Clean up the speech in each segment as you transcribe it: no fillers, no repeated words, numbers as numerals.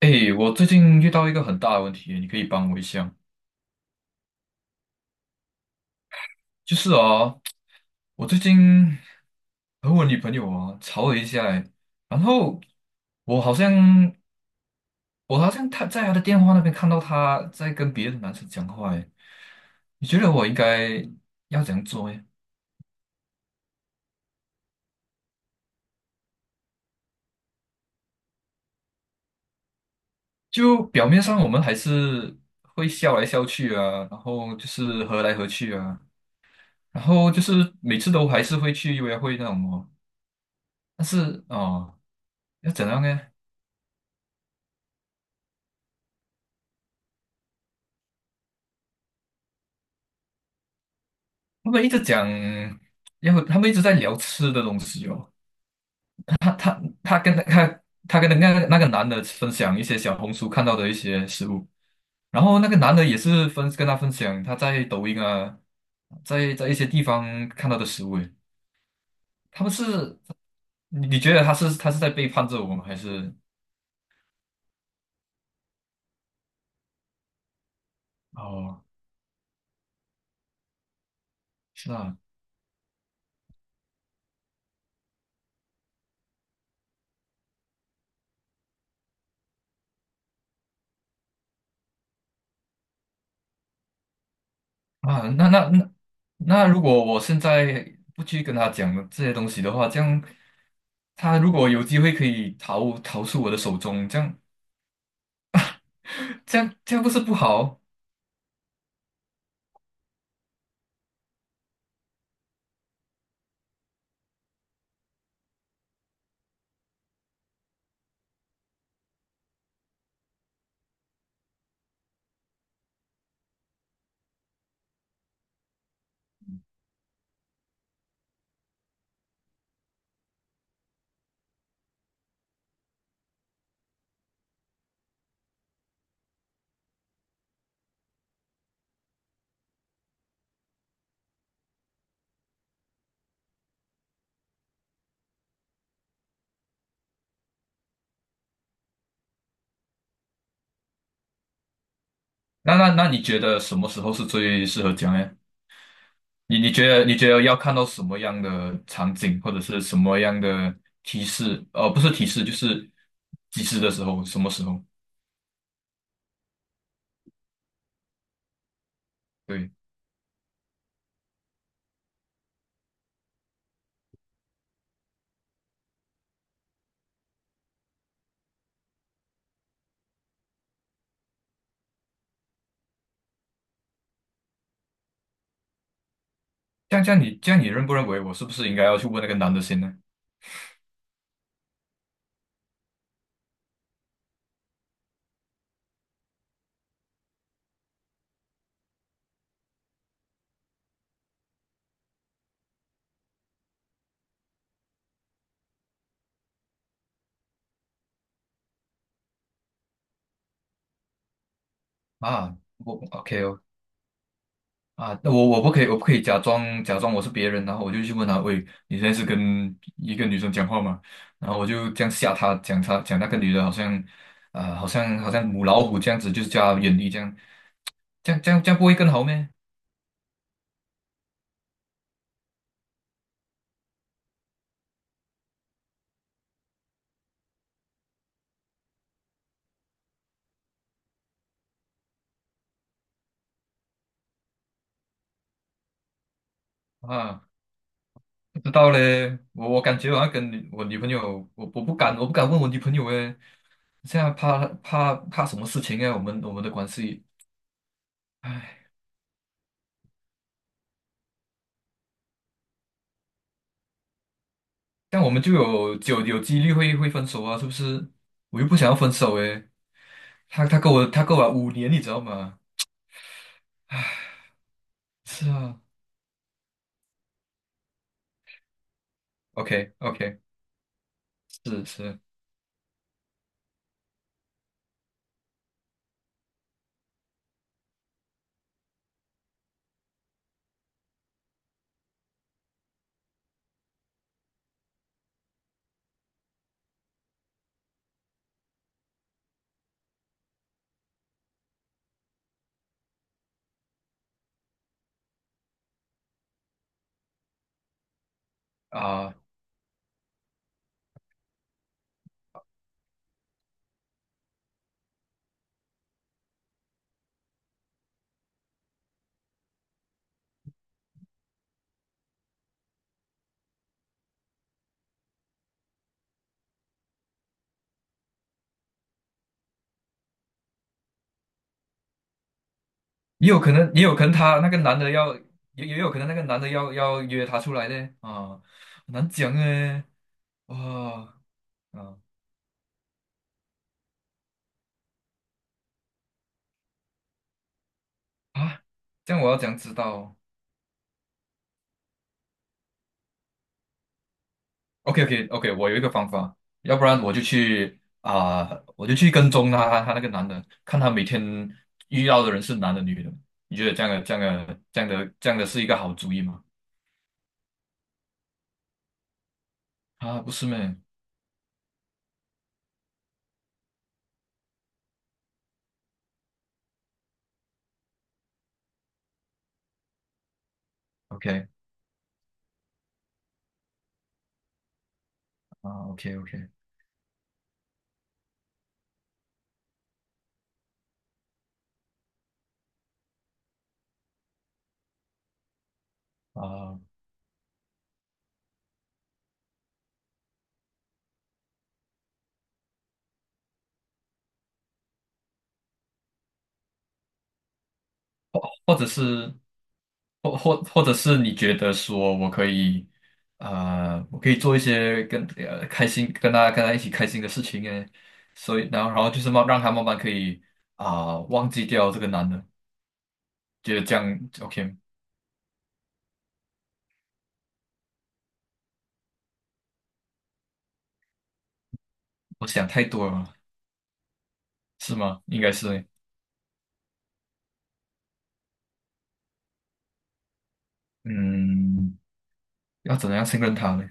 诶，我最近遇到一个很大的问题，你可以帮我一下。就是啊，我最近和我女朋友啊吵了一下，诶，然后我好像我好像她在她的电话那边看到她在跟别的男生讲话诶，你觉得我应该要怎样做诶？就表面上我们还是会笑来笑去啊，然后就是和来和去啊，然后就是每次都还是会去约会那种哦，但是哦，要怎样呢？他们一直讲，然后他们一直在聊吃的东西哦。他跟他他跟那个男的分享一些小红书看到的一些食物，然后那个男的也是分跟他分享他在抖音啊，在一些地方看到的食物诶。他们是，你你觉得他是他是在背叛着我们，还是哦？是啊。啊那那那那如果我现在不去跟他讲这些东西的话，这样他如果有机会可以逃出我的手中，这样。这样不是不好哦？那那那你觉得什么时候是最适合讲呢？你觉得要看到什么样的场景，或者是什么样的提示？呃，不是提示，就是及时的时候，什么时候？对，这样你认不认为我是不是应该要去问那个男的先呢？啊，我 OK 哦。啊，那我我不可以，我不可以假装我是别人，然后我就去问他，喂，你现在是跟一个女生讲话吗？然后我就这样吓他，讲他讲那个女的好像，啊、好像母老虎这样子，就是叫他远离这样，这样不会更好咩？啊，不知道嘞，我我感觉我要跟女我女朋友，我不敢问我女朋友诶，现在怕什么事情啊？我们的关系，唉，但我们就有几率会分手啊，是不是？我又不想要分手诶。他跟我五年，你知道吗？是啊，OK OK,是是啊，也有可能他那个男的要也也有可能那个男的要约她出来的啊，很难讲哎，哇。啊啊，这样我要怎样知道？OK OK OK,我有一个方法，要不然我就去啊，我就去跟踪他那个男的，看他每天遇到的人是男的女的，你觉得这样的是一个好主意吗？啊，不是咩？OK。啊，OK OK, 啊，或者是或者是你觉得说我可以我可以做一些跟开心跟他一起开心的事情诶，所以然后就是让他慢慢可以啊、忘记掉这个男的，觉得这样 OK,我想太多了，是吗？应该是。嗯，要怎样信任他呢？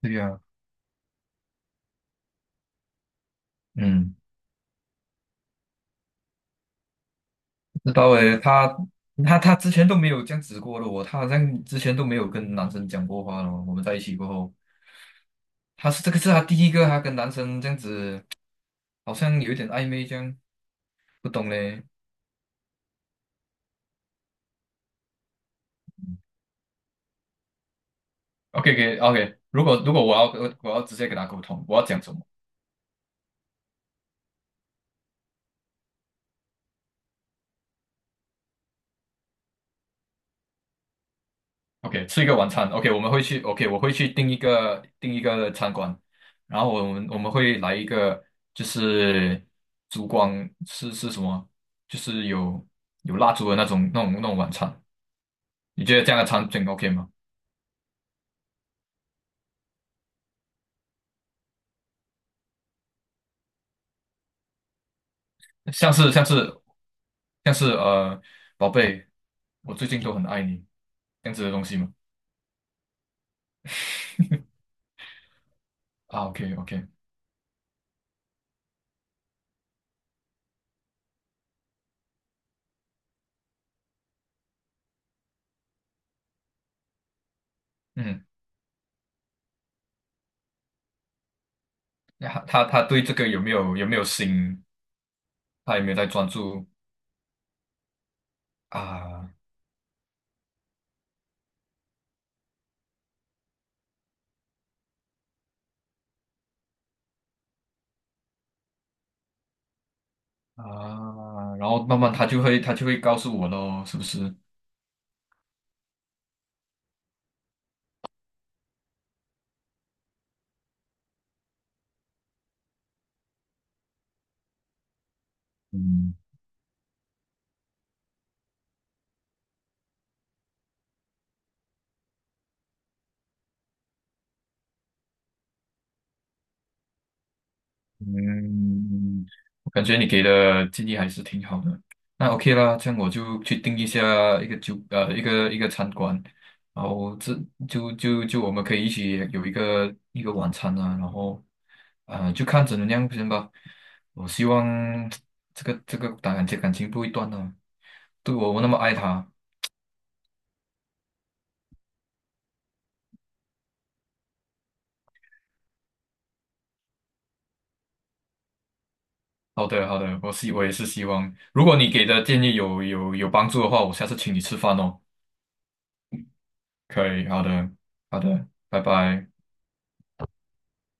对呀、嗯。知道诶，他之前都没有这样子过的哦，他好像之前都没有跟男生讲过话了哦。我们在一起过后，他是这个是他第一个，他跟男生这样子，好像有一点暧昧这样，不懂嘞。OK，OK，OK。如果我要直接跟他沟通，我要讲什么？OK,吃一个晚餐。OK,我们会去 OK,我会去订订一个餐馆，然后我们会来一个就是烛光是什么？就是有蜡烛的那种晚餐。你觉得这样的场景 OK 吗？像是像是像是呃，宝贝，我最近都很爱你，这样子的东西吗？啊，OK OK,嗯，那他他对这个有没有心？他有没有在专注啊啊？然后慢慢他就会告诉我咯，是不是？嗯。嗯，我感觉你给的建议还是挺好的。那 OK 啦，这样我就去定一下一个一个餐馆，然后这就我们可以一起有一个晚餐啊，然后呃就看怎么样先吧。我希望这个感情不会断啊，对我那么爱他。好的好的，我也是希望，如果你给的建议有帮助的话，我下次请你吃饭哦。可以，好的好的，拜拜。